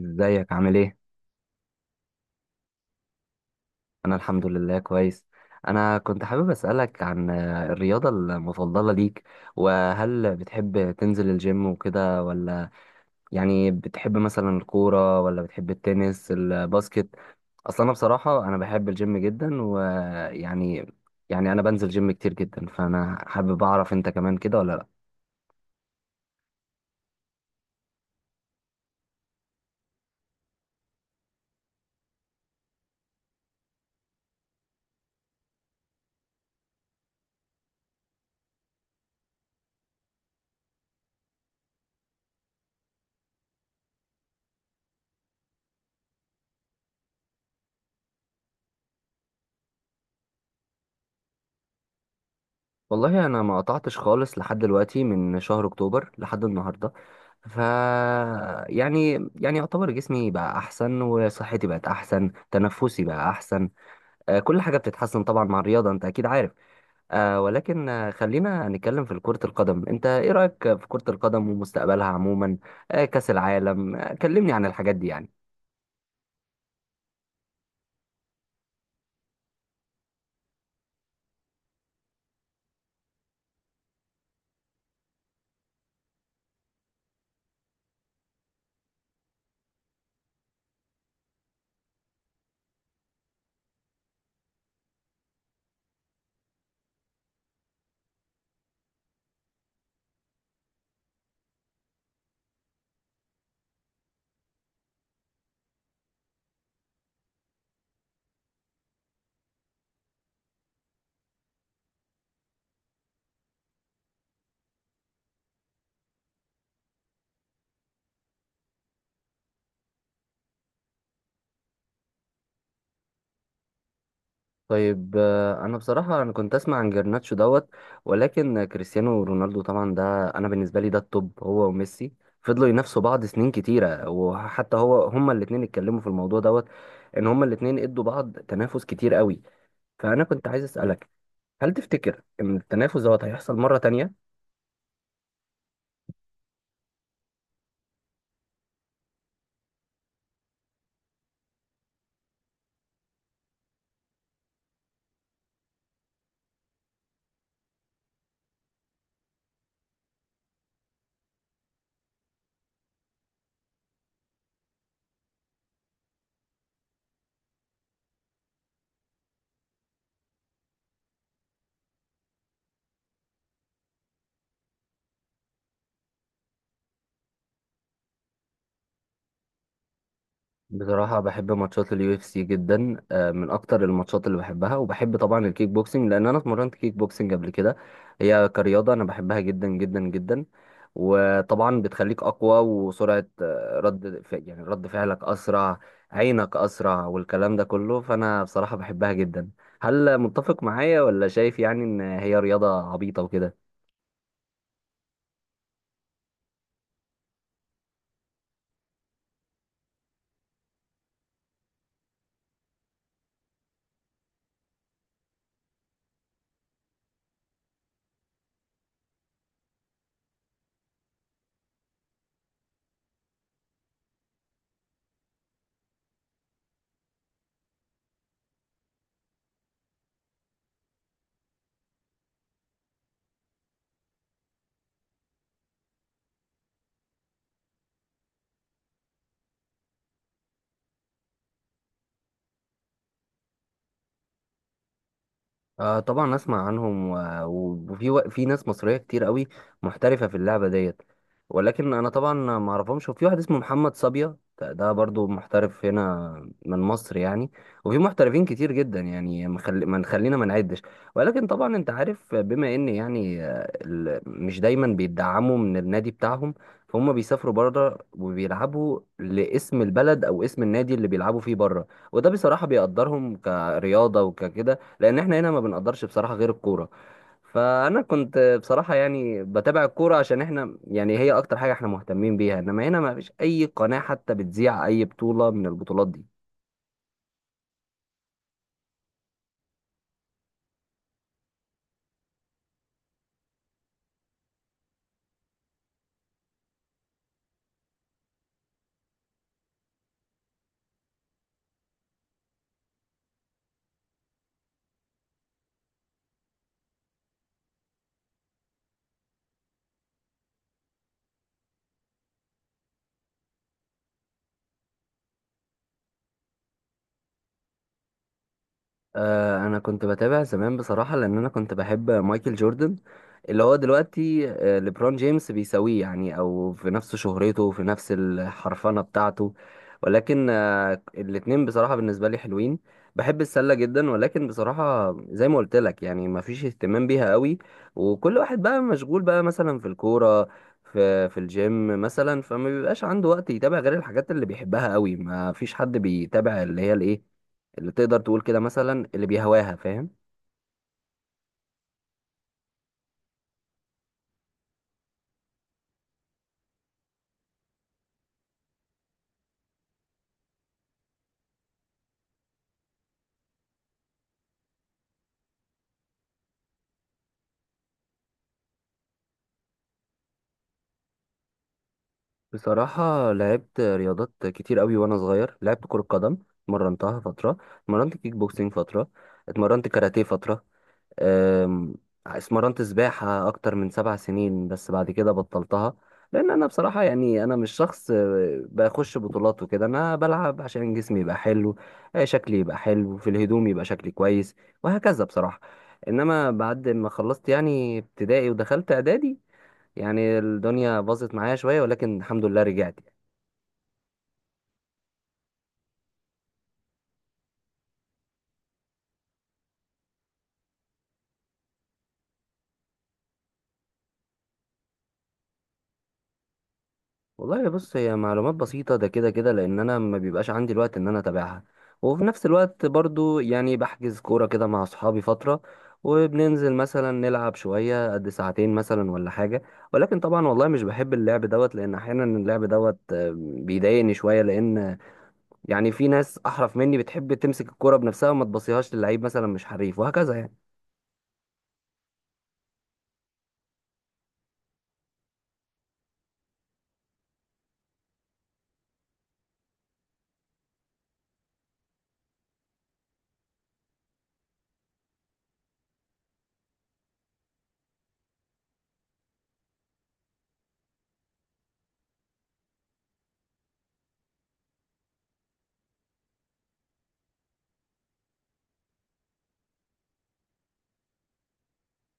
ازيك عامل ايه؟ انا الحمد لله كويس. انا كنت حابب اسألك عن الرياضة المفضلة ليك، وهل بتحب تنزل الجيم وكده ولا يعني بتحب مثلا الكورة ولا بتحب التنس الباسكت؟ اصلا انا بصراحة انا بحب الجيم جدا ويعني، يعني انا بنزل جيم كتير جدا، فانا حابب اعرف انت كمان كده ولا لا. والله انا ما قطعتش خالص لحد دلوقتي من شهر اكتوبر لحد النهارده. ف يعني يعتبر جسمي بقى احسن وصحتي بقت احسن تنفسي بقى احسن. كل حاجه بتتحسن طبعا مع الرياضه، انت اكيد عارف. ولكن خلينا نتكلم في كره القدم. انت ايه رايك في كره القدم ومستقبلها عموما؟ كاس العالم، كلمني عن الحاجات دي يعني. طيب انا بصراحه انا كنت اسمع عن جرناتشو دوت. ولكن كريستيانو رونالدو طبعا ده، انا بالنسبه لي ده التوب هو وميسي. فضلوا ينافسوا بعض سنين كتيره، وحتى هو هما الاثنين اتكلموا في الموضوع دوت، ان هما الاثنين ادوا بعض تنافس كتير قوي. فانا كنت عايز اسالك، هل تفتكر ان التنافس دوت هيحصل مره تانية؟ بصراحة بحب ماتشات اليو اف سي جدا. من أكتر الماتشات اللي بحبها، وبحب طبعا الكيك بوكسنج لأن أنا اتمرنت كيك بوكسنج قبل كده. هي كرياضة أنا بحبها جدا جدا جدا، وطبعا بتخليك أقوى، وسرعة يعني رد فعلك أسرع، عينك أسرع، والكلام ده كله. فأنا بصراحة بحبها جدا. هل متفق معايا ولا شايف يعني إن هي رياضة عبيطة وكده؟ آه طبعا اسمع عنهم في ناس مصريه كتير قوي محترفه في اللعبه ديت. ولكن انا طبعا ما اعرفهمش. وفي واحد اسمه محمد صبيا، ده برضو محترف هنا من مصر يعني. وفي محترفين كتير جدا يعني ما نخلينا ما نعدش. ولكن طبعا انت عارف بما ان يعني مش دايما بيدعموا من النادي بتاعهم، فهم بيسافروا بره وبيلعبوا لاسم البلد او اسم النادي اللي بيلعبوا فيه بره. وده بصراحه بيقدرهم كرياضه وككده، لان احنا هنا ما بنقدرش بصراحه غير الكوره. فانا كنت بصراحه يعني بتابع الكوره عشان احنا، يعني هي اكتر حاجه احنا مهتمين بيها. انما هنا ما فيش اي قناه حتى بتذيع اي بطوله من البطولات دي. انا كنت بتابع زمان بصراحه لان انا كنت بحب مايكل جوردن. اللي هو دلوقتي ليبرون جيمس بيساويه يعني، او في نفس شهرته في نفس الحرفنه بتاعته. ولكن الاتنين بصراحه بالنسبه لي حلوين. بحب السله جدا، ولكن بصراحه زي ما قلت لك يعني ما فيش اهتمام بيها قوي. وكل واحد بقى مشغول بقى مثلا في الكوره، في الجيم مثلا، فما بيبقاش عنده وقت يتابع غير الحاجات اللي بيحبها قوي. ما فيش حد بيتابع اللي هي الايه، اللي تقدر تقول كده مثلا اللي بيهواها، فاهم. بصراحة لعبت رياضات كتير قوي وانا صغير. لعبت كرة قدم، اتمرنتها فترة، اتمرنت كيك بوكسينج فترة، اتمرنت كاراتيه فترة، أم، اتمرنت سباحة اكتر من 7 سنين بس بعد كده بطلتها. لان انا بصراحة يعني انا مش شخص بخش بطولات وكده. انا بلعب عشان جسمي يبقى حلو، شكلي يبقى حلو في الهدوم يبقى شكلي كويس وهكذا بصراحة. انما بعد ما خلصت يعني ابتدائي ودخلت اعدادي، يعني الدنيا باظت معايا شويه، ولكن الحمد لله رجعت يعني. والله بص هي معلومات بسيطه ده كده كده، لان انا ما بيبقاش عندي الوقت ان انا اتابعها. وفي نفس الوقت برضو يعني بحجز كوره كده مع اصحابي فتره، وبننزل مثلا نلعب شويه قد ساعتين مثلا ولا حاجه. ولكن طبعا والله مش بحب اللعب دوت، لان احيانا اللعب دوت بيضايقني شويه. لان يعني في ناس احرف مني بتحب تمسك الكوره بنفسها وما تبصيهاش للعيب مثلا مش حريف وهكذا يعني.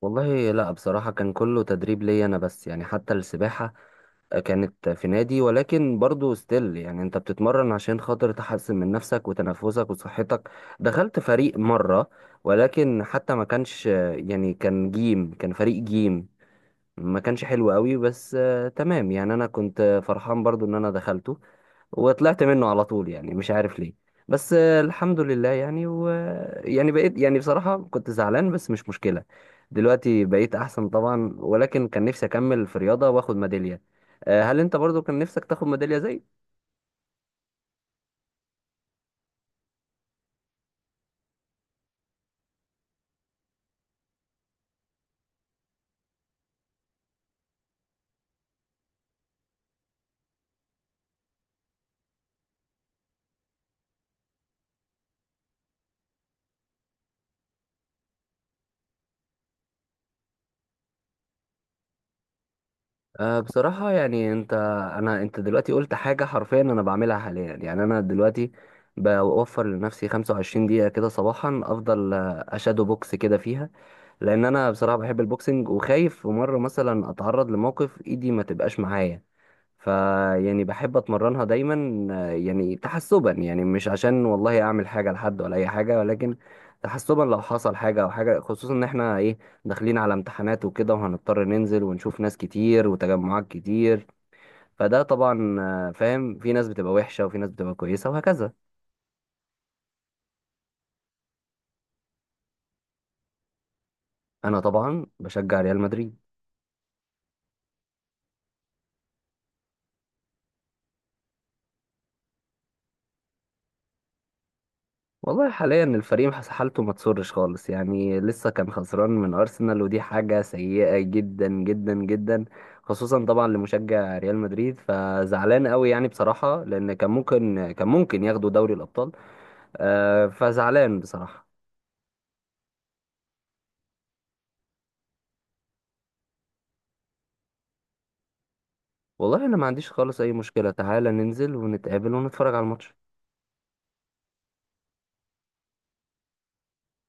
والله لا بصراحة كان كله تدريب ليا أنا بس، يعني حتى السباحة كانت في نادي، ولكن برضو ستيل يعني أنت بتتمرن عشان خاطر تحسن من نفسك وتنفسك وصحتك. دخلت فريق مرة ولكن حتى ما كانش، يعني كان فريق جيم. ما كانش حلو قوي بس تمام يعني. أنا كنت فرحان برضو إن أنا دخلته، وطلعت منه على طول يعني مش عارف ليه. بس الحمد لله يعني، يعني بقيت يعني بصراحة كنت زعلان بس مش مشكلة. دلوقتي بقيت أحسن طبعا. ولكن كان نفسي أكمل في رياضة وآخد ميدالية. هل أنت برضو كان نفسك تاخد ميدالية زي... أه بصراحة يعني انت دلوقتي قلت حاجة حرفيا انا بعملها حاليا. يعني انا دلوقتي بوفر لنفسي 25 دقيقة كده صباحا، افضل اشادو بوكس كده فيها، لان انا بصراحة بحب البوكسنج وخايف في مرة مثلا اتعرض لموقف ايدي ما تبقاش معايا. فيعني بحب اتمرنها دايما، يعني تحسبا، يعني مش عشان والله اعمل حاجه لحد ولا اي حاجه، ولكن تحسبا لو حصل حاجه او حاجه، خصوصا ان احنا ايه داخلين على امتحانات وكده، وهنضطر ننزل ونشوف ناس كتير وتجمعات كتير. فده طبعا فاهم، في ناس بتبقى وحشه وفي ناس بتبقى كويسه وهكذا. انا طبعا بشجع ريال مدريد. والله حاليا الفريق حالته ما تسرش خالص يعني. لسه كان خسران من ارسنال ودي حاجه سيئه جدا جدا جدا، خصوصا طبعا لمشجع ريال مدريد. فزعلان قوي يعني بصراحه، لان كان ممكن ياخدوا دوري الابطال. فزعلان بصراحه. والله انا ما عنديش خالص اي مشكله، تعالى ننزل ونتقابل ونتفرج على الماتش.